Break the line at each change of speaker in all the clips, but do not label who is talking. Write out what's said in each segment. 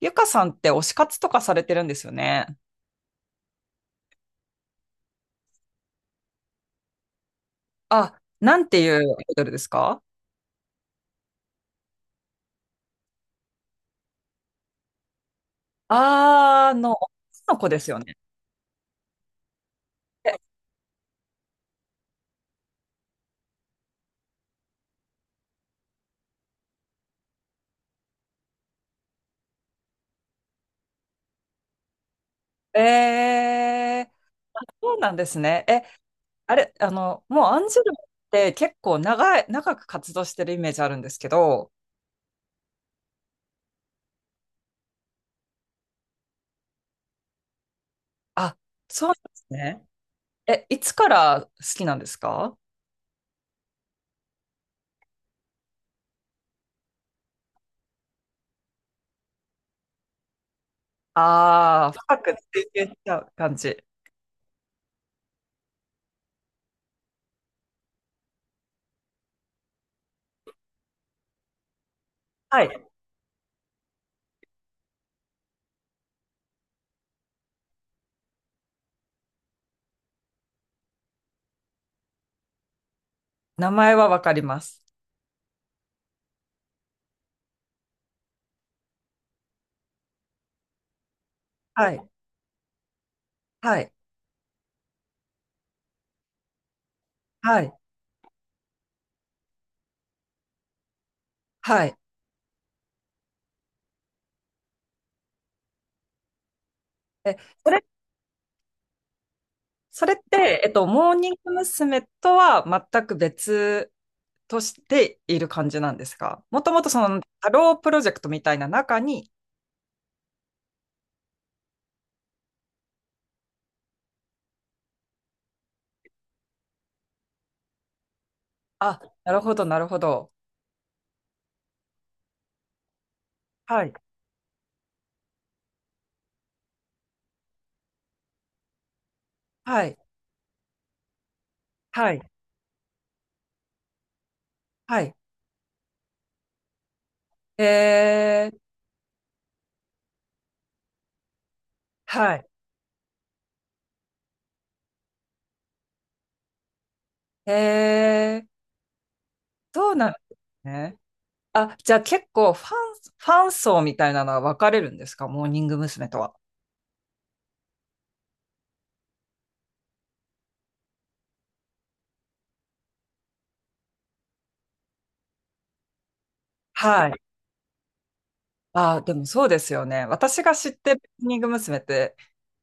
ゆかさんって推し活とかされてるんですよね。あ、なんていうアイドルですか？女の子ですよね。え、そうなんですね。え、あれ、もうアンジュルムって結構長く活動してるイメージあるんですけど、あ、そうなんですね。え、いつから好きなんですか？ああー、深く追求しちゃう感じ。はい。名前はわかります。はい。はい。はい。はい。え、それそれって、モーニング娘。とは全く別としている感じなんですか？もともとそのハロープロジェクトみたいな中に、あ、なるほど、なるほど。はい、はい、はい、はい。えー、はい。えー、どうなんですね。あ、じゃあ結構ファン層みたいなのは分かれるんですか？モーニング娘。とは。はい。あ、でもそうですよね。私が知ってるモーニング娘。って、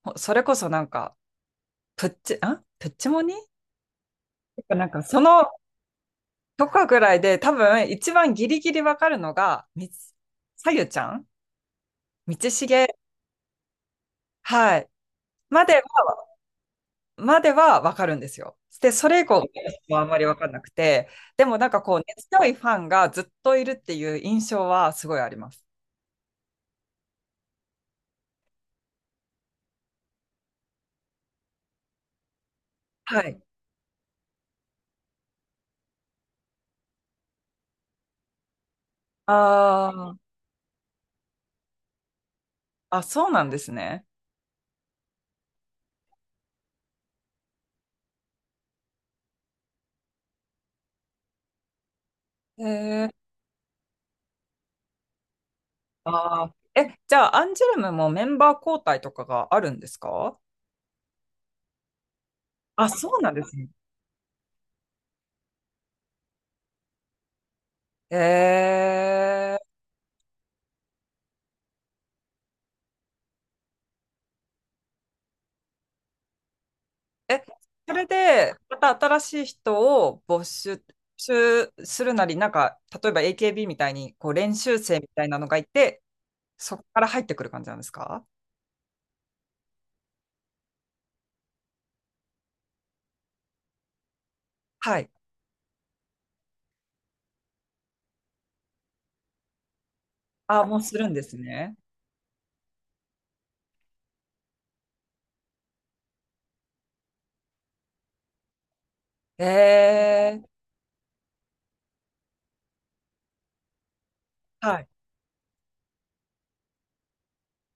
ほそれこそなんか、プッチモニなんかそのとかぐらいで多分一番ギリギリわかるのが、みつさゆちゃん道重、はい。までは、まではわかるんですよ。で、それ以降はあんまりわかんなくて、でもなんかこう、根強いファンがずっといるっていう印象はすごいあります。はい。あーあ、そうなんですね。へえ。あーえ、じゃあ、アンジュルムもメンバー交代とかがあるんですか？あ、そうなんですね。ええ。え、それで、また新しい人を募集するなり、なんか、例えば AKB みたいに、こう、練習生みたいなのがいて、そこから入ってくる感じなんですか？はい。あ、もうするんですね。え。はい。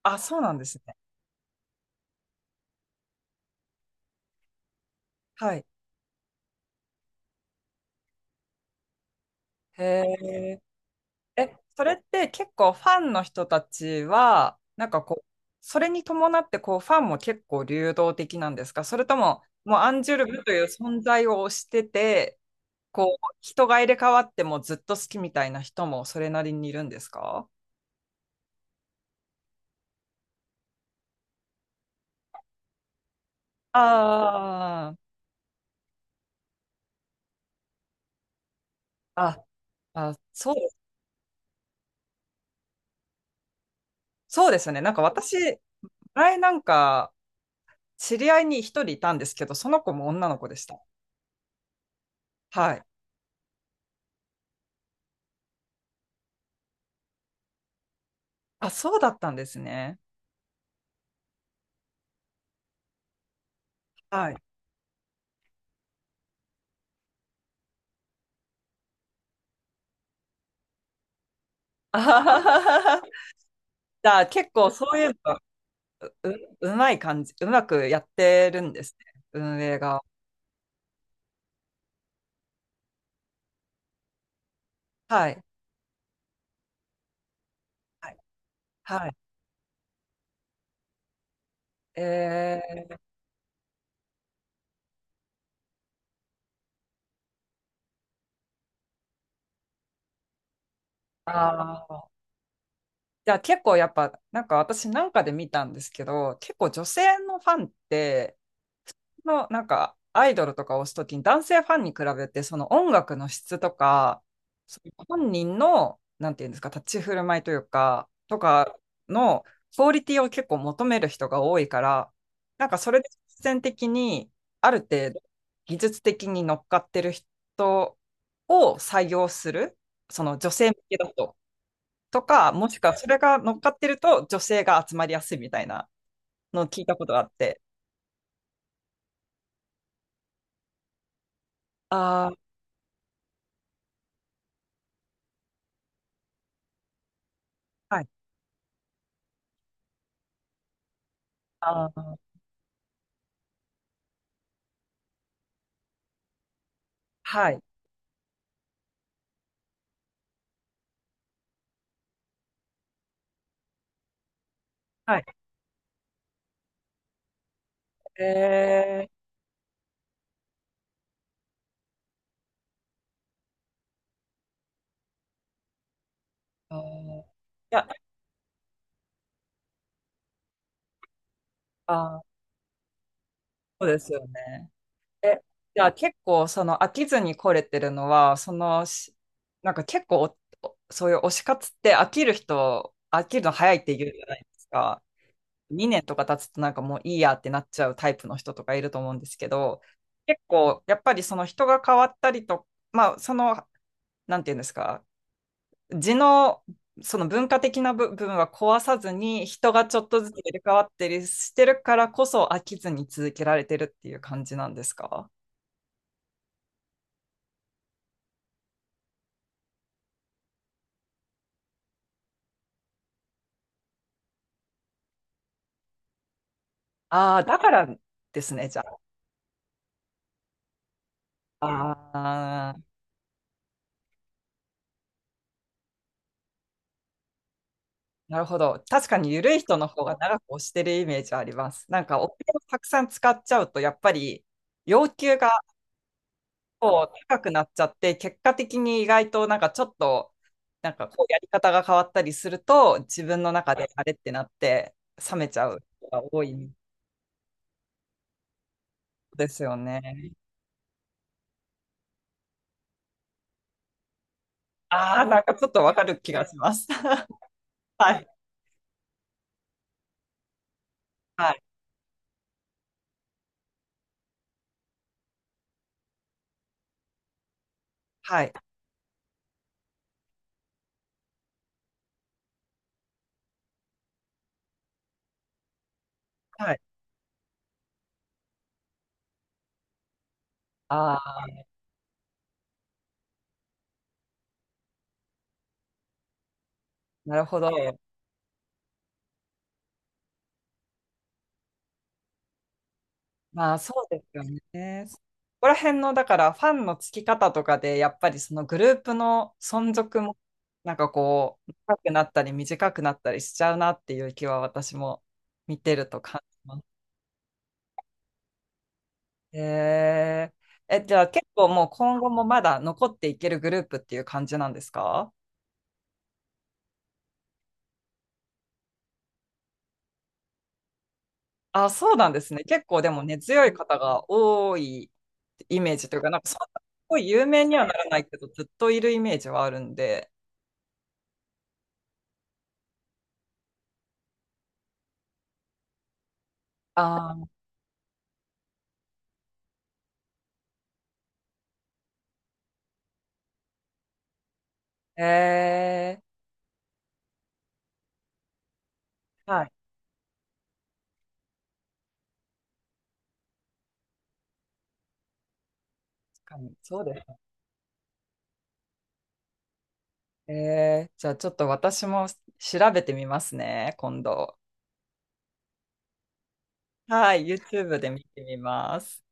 あ、そうなんですね。はい。へえ。え、それって結構ファンの人たちは、なんかこう、それに伴ってこうファンも結構流動的なんですか？それとも、もうアンジュルムという存在を推してて、こう、人が入れ替わってもずっと好きみたいな人もそれなりにいるんですか？ああ、あ、あ、そう、そうですね。なんか私、前なんか知り合いに一人いたんですけど、その子も女の子でした。はい。あ、そうだったんですね。はい。あはははじゃあ結構そういうのがう、うまい感じ、うまくやってるんですね、運営が。はい。はい。はい。えー、あー、じゃあ結構やっぱ、なんか私なんかで見たんですけど、結構女性のファンって、のなんかアイドルとかを推すときに男性ファンに比べてその音楽の質とかその本人のなんていうんですか立ち振る舞いというかとかのクオリティを結構求める人が多いからなんかそれで実践的にある程度技術的に乗っかってる人を採用するその女性向けだととかもしくはそれが乗っかってると女性が集まりやすいみたいなのを聞いたことがあってああはいああはい。はい。えー、あー、いや、あー、そうですよね。え、じゃあ結構その飽きずに来れてるのは、そのし、なんか結構おおそういう推し活って飽きる人、飽きるの早いって言うじゃないですか。2年とか経つとなんかもういいやってなっちゃうタイプの人とかいると思うんですけど、結構やっぱりその人が変わったりと、まあその、なんていうんですか、地のその文化的な部分は壊さずに人がちょっとずつ入れ替わったりしてるからこそ飽きずに続けられてるっていう感じなんですか？ああー、だからですね、じゃあ。ああ、なるほど。確かに緩い人の方が長く押してるイメージはあります。なんかお金をたくさん使っちゃうと、やっぱり要求が高くなっちゃって、結果的に意外となんかちょっと、なんかこうやり方が変わったりすると、自分の中であれってなって、冷めちゃう人が多いですよね。ああ、なんかちょっとわかる気がします。はい、はい、はい、はい。ああ、なるほど。まあそうですよね。そこら辺の、だからファンのつき方とかで、やっぱりそのグループの存続も、なんかこう、長くなったり短くなったりしちゃうなっていう気は私も見てると感じます。へえー。え、じゃあ結構もう今後もまだ残っていけるグループっていう感じなんですか？あ、そうなんですね。結構でも根強い方が多いイメージというか、なんかそんなすごい有名にはならないけど、ずっといるイメージはあるんで。あー、へえー。はい。確かに。そうですね。じゃあちょっと私も調べてみますね、今度。はい、YouTube で見てみます。